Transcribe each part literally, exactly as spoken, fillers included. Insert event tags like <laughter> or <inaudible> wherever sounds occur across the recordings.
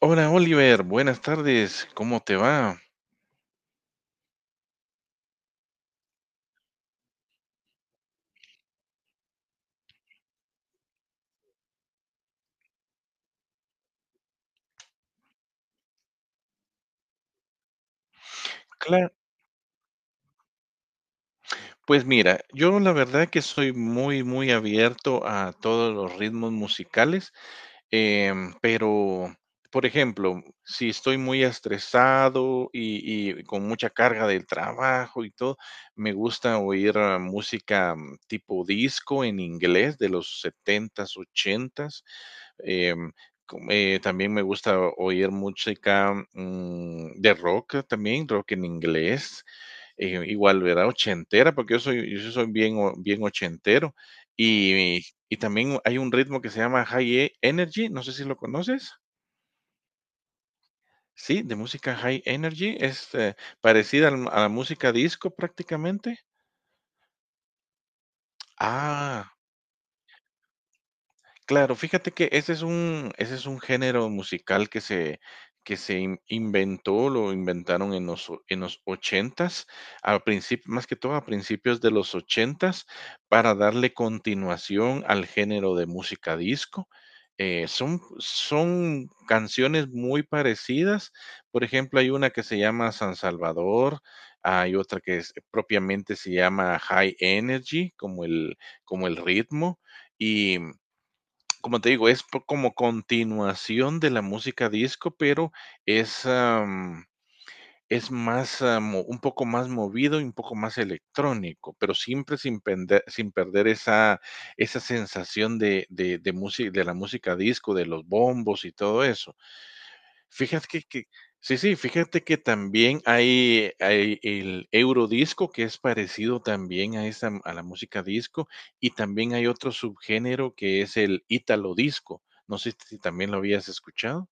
Hola Oliver, buenas tardes, ¿cómo te va? Claro, pues mira, yo la verdad que soy muy, muy abierto a todos los ritmos musicales, em, pero, por ejemplo, si estoy muy estresado y, y con mucha carga del trabajo y todo, me gusta oír ah, música, mm, tipo disco en inglés de los setentas, ochentas. Em, com- eh, También me gusta oír música, mm, de rock también, rock en inglés, eh, igual, ¿verdad? Ochentera, porque yo soy, yo sí soy bien, o- bien ochentero. Y, y también hay un ritmo que se llama High E- Energy, no sé si lo conoces. Sí, de música High Energy, es eh, parecida al- a la música disco prácticamente. Ah. Claro, fíjate que ese es un ese es un género musical que se que se in- inventó, lo inventaron en los o- en los ochentas, al principio, más que todo a principios de los ochentas para darle continuación al género de música disco. Eh, son, son canciones muy parecidas. Por ejemplo, hay una que se llama San Salvador, hay otra que es- propiamente se llama High Energy, como el, como el ritmo. Como te digo, es po como continuación de la música disco, pero es, am, es más, ah, mo un poco más movido y un poco más electrónico, pero siempre sin pende sin perder esa esa sensación de de de musi de la música disco, de los bombos y todo eso. Fíjate que que sí, sí, fíjate que también hay hay el eurodisco, que es parecido también a esa a la música disco, y también hay otro subgénero que es el ítalo disco. No sé si también lo habías escuchado.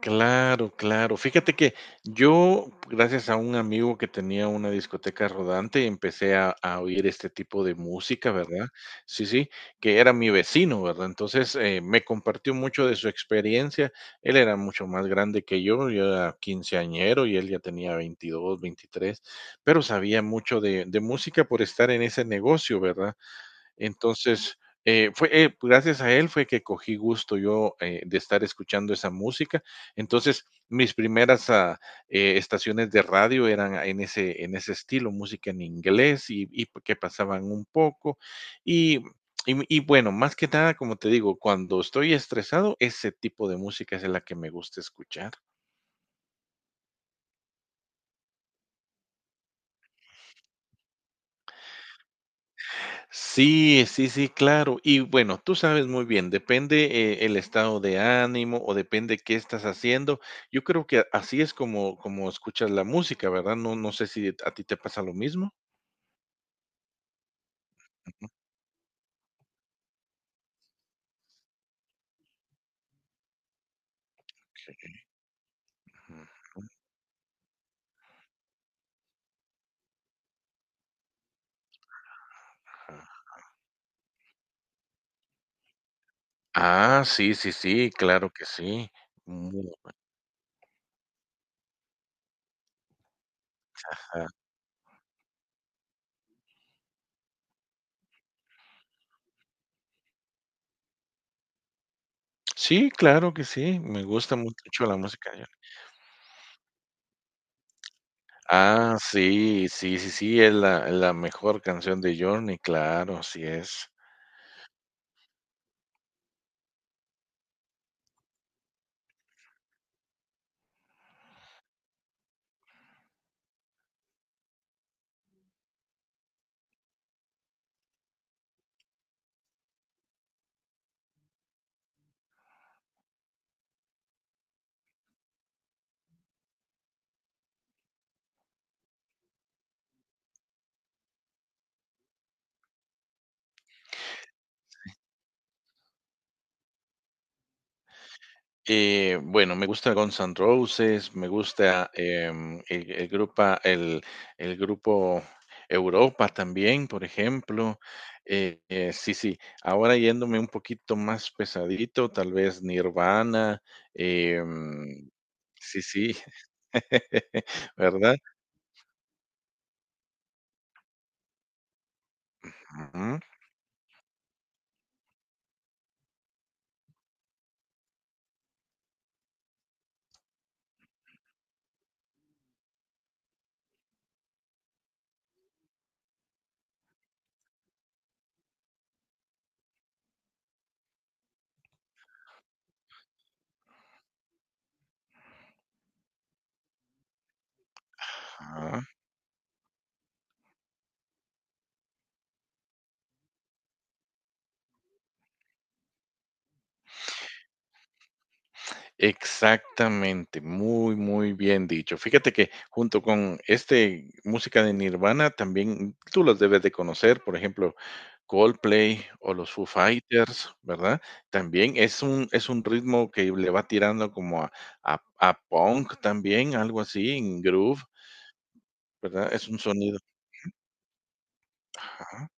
Claro, claro. Fíjate que yo, gracias a un amigo que tenía una discoteca rodante, empecé a, a oír este tipo de música, ¿verdad? Sí, sí, que era mi vecino, ¿verdad? Entonces eh, me compartió mucho de su experiencia. Él era mucho más grande que yo, yo era quinceañero y él ya tenía veintidós, veintitrés, pero sabía mucho de, de música por estar en ese negocio, ¿verdad? Entonces, eh, fue eh, gracias a él fue que cogí gusto yo eh, de estar escuchando esa música. Entonces, mis primeras ah, eh, estaciones de radio eran en ese, en ese estilo, música en inglés y, y que pasaban un poco. Y, y, y bueno, más que nada, como te digo, cuando estoy estresado, ese tipo de música es la que me gusta escuchar. Sí, sí, sí, claro. Y bueno, tú sabes muy bien, depende eh, el estado de ánimo o depende qué estás haciendo. Yo creo que así es como, como escuchas la música, ¿verdad? No, no sé si a ti te pasa lo mismo. Ajá. Ah, sí, sí, sí, claro que sí. Mu- ajá. Sí, claro que sí. Me gusta mucho la música de Journey. Ah, sí, sí, sí, sí, es la, la mejor canción de Journey, claro, así es. Eh, bueno, me gusta Guns N' Roses, me gusta em, el, el grupa- el- el grupo Europa también, por ejemplo. Eh, eh, sí, sí, ahora yéndome un poquito más pesadito, tal vez Nirvana. em, sí, sí, <laughs> ¿verdad? Ujú, ajá. Exactamente, muy, muy bien dicho. Fíjate que junto con este música de Nirvana también tú los debes de conocer, por ejemplo, Coldplay o los Foo Fighters, ¿verdad? También es un es un ritmo que le va tirando como a a a punk también, algo así, en groove, ¿verdad? Es un sonido, ajá.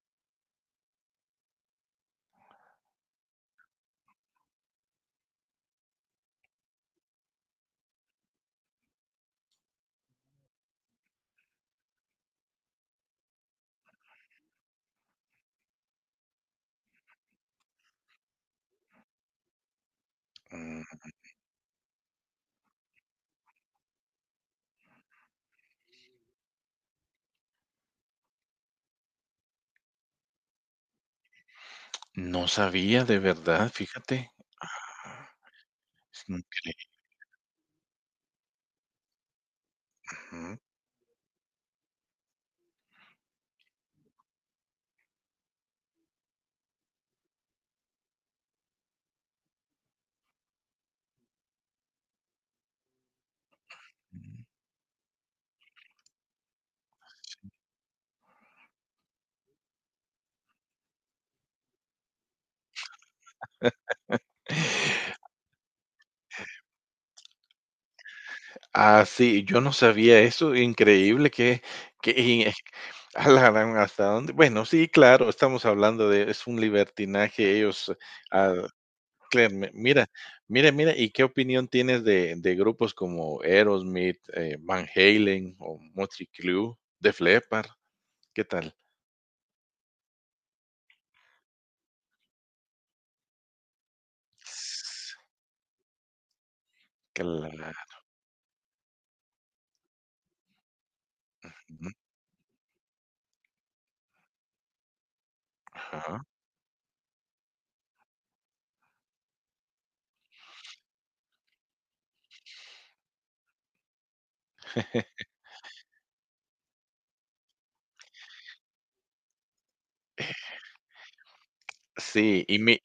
mm, no sabía de verdad, fíjate. Ah, es increíble, ujú, <laughs> Ah, sí, yo no sabía eso, increíble que que y eh, a la gran, <laughs> ¿hasta dónde? Bueno, sí, claro, estamos hablando de es un libertinaje, ellos, ah, créeme, mira, mira, mira, ¿y qué opinión tienes de de grupos como Aerosmith, eh, Van Halen o Motley Crue, Def Leppard? ¿Qué tal? S- Claro, ajá. Sí, y mi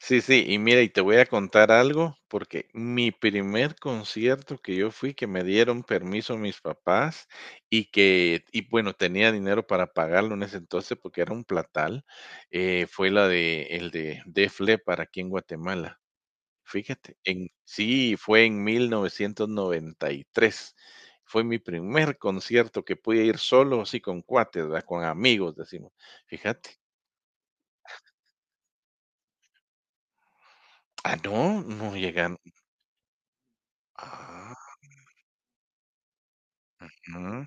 Sí, sí, y mira, y te voy a contar algo, porque mi primer concierto que yo fui, que me dieron permiso mis papás y que, y bueno, tenía dinero para pagarlo en ese entonces porque era un platal, eh, fue la de, el de Def Leppard aquí en Guatemala. Fíjate, en, sí, fue en mil novecientos noventa y tres. Fue mi primer concierto que pude ir solo, así con cuates, ¿verdad? Con amigos, decimos. Fíjate. Ah, no, no llegan. Ah, ah.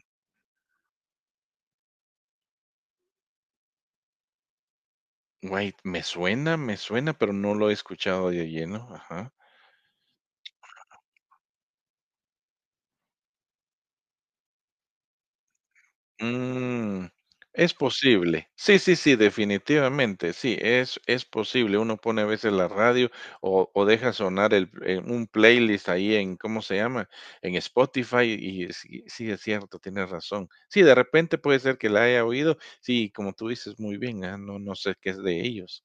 White, me suena, me suena, pero no lo he escuchado de lleno, ajá. Mm, es posible. Sí, sí, sí, definitivamente, sí, es es posible. Uno pone a veces la radio o o deja sonar el eh, un playlist ahí en, ¿cómo se llama? En Spotify y sí, sí, es cierto, tienes razón. Sí, de repente puede ser que la haya oído. Sí, como tú dices muy bien, ah, no no sé qué es de ellos.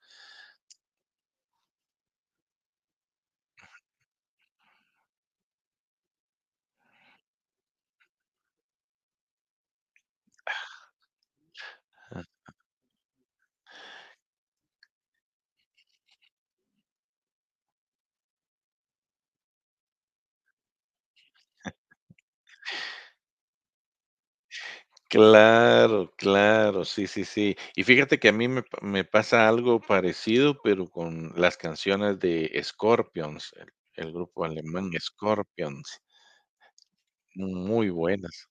Claro, claro, sí, sí, sí. Y fíjate que a mí me, pa- me pasa algo parecido, pero con las canciones de Scorpions, el, el grupo alemán Scorpions, muy buenas.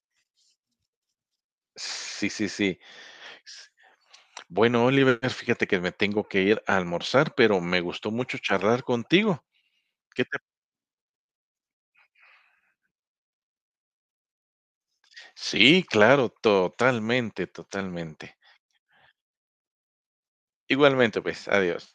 Sí, sí, sí. S- Bueno, Oliver, fíjate que me tengo que ir a almorzar, pero me gustó mucho charlar contigo. ¿Qué te- Sí, claro, totalmente, totalmente. Igualmente, pues, adiós.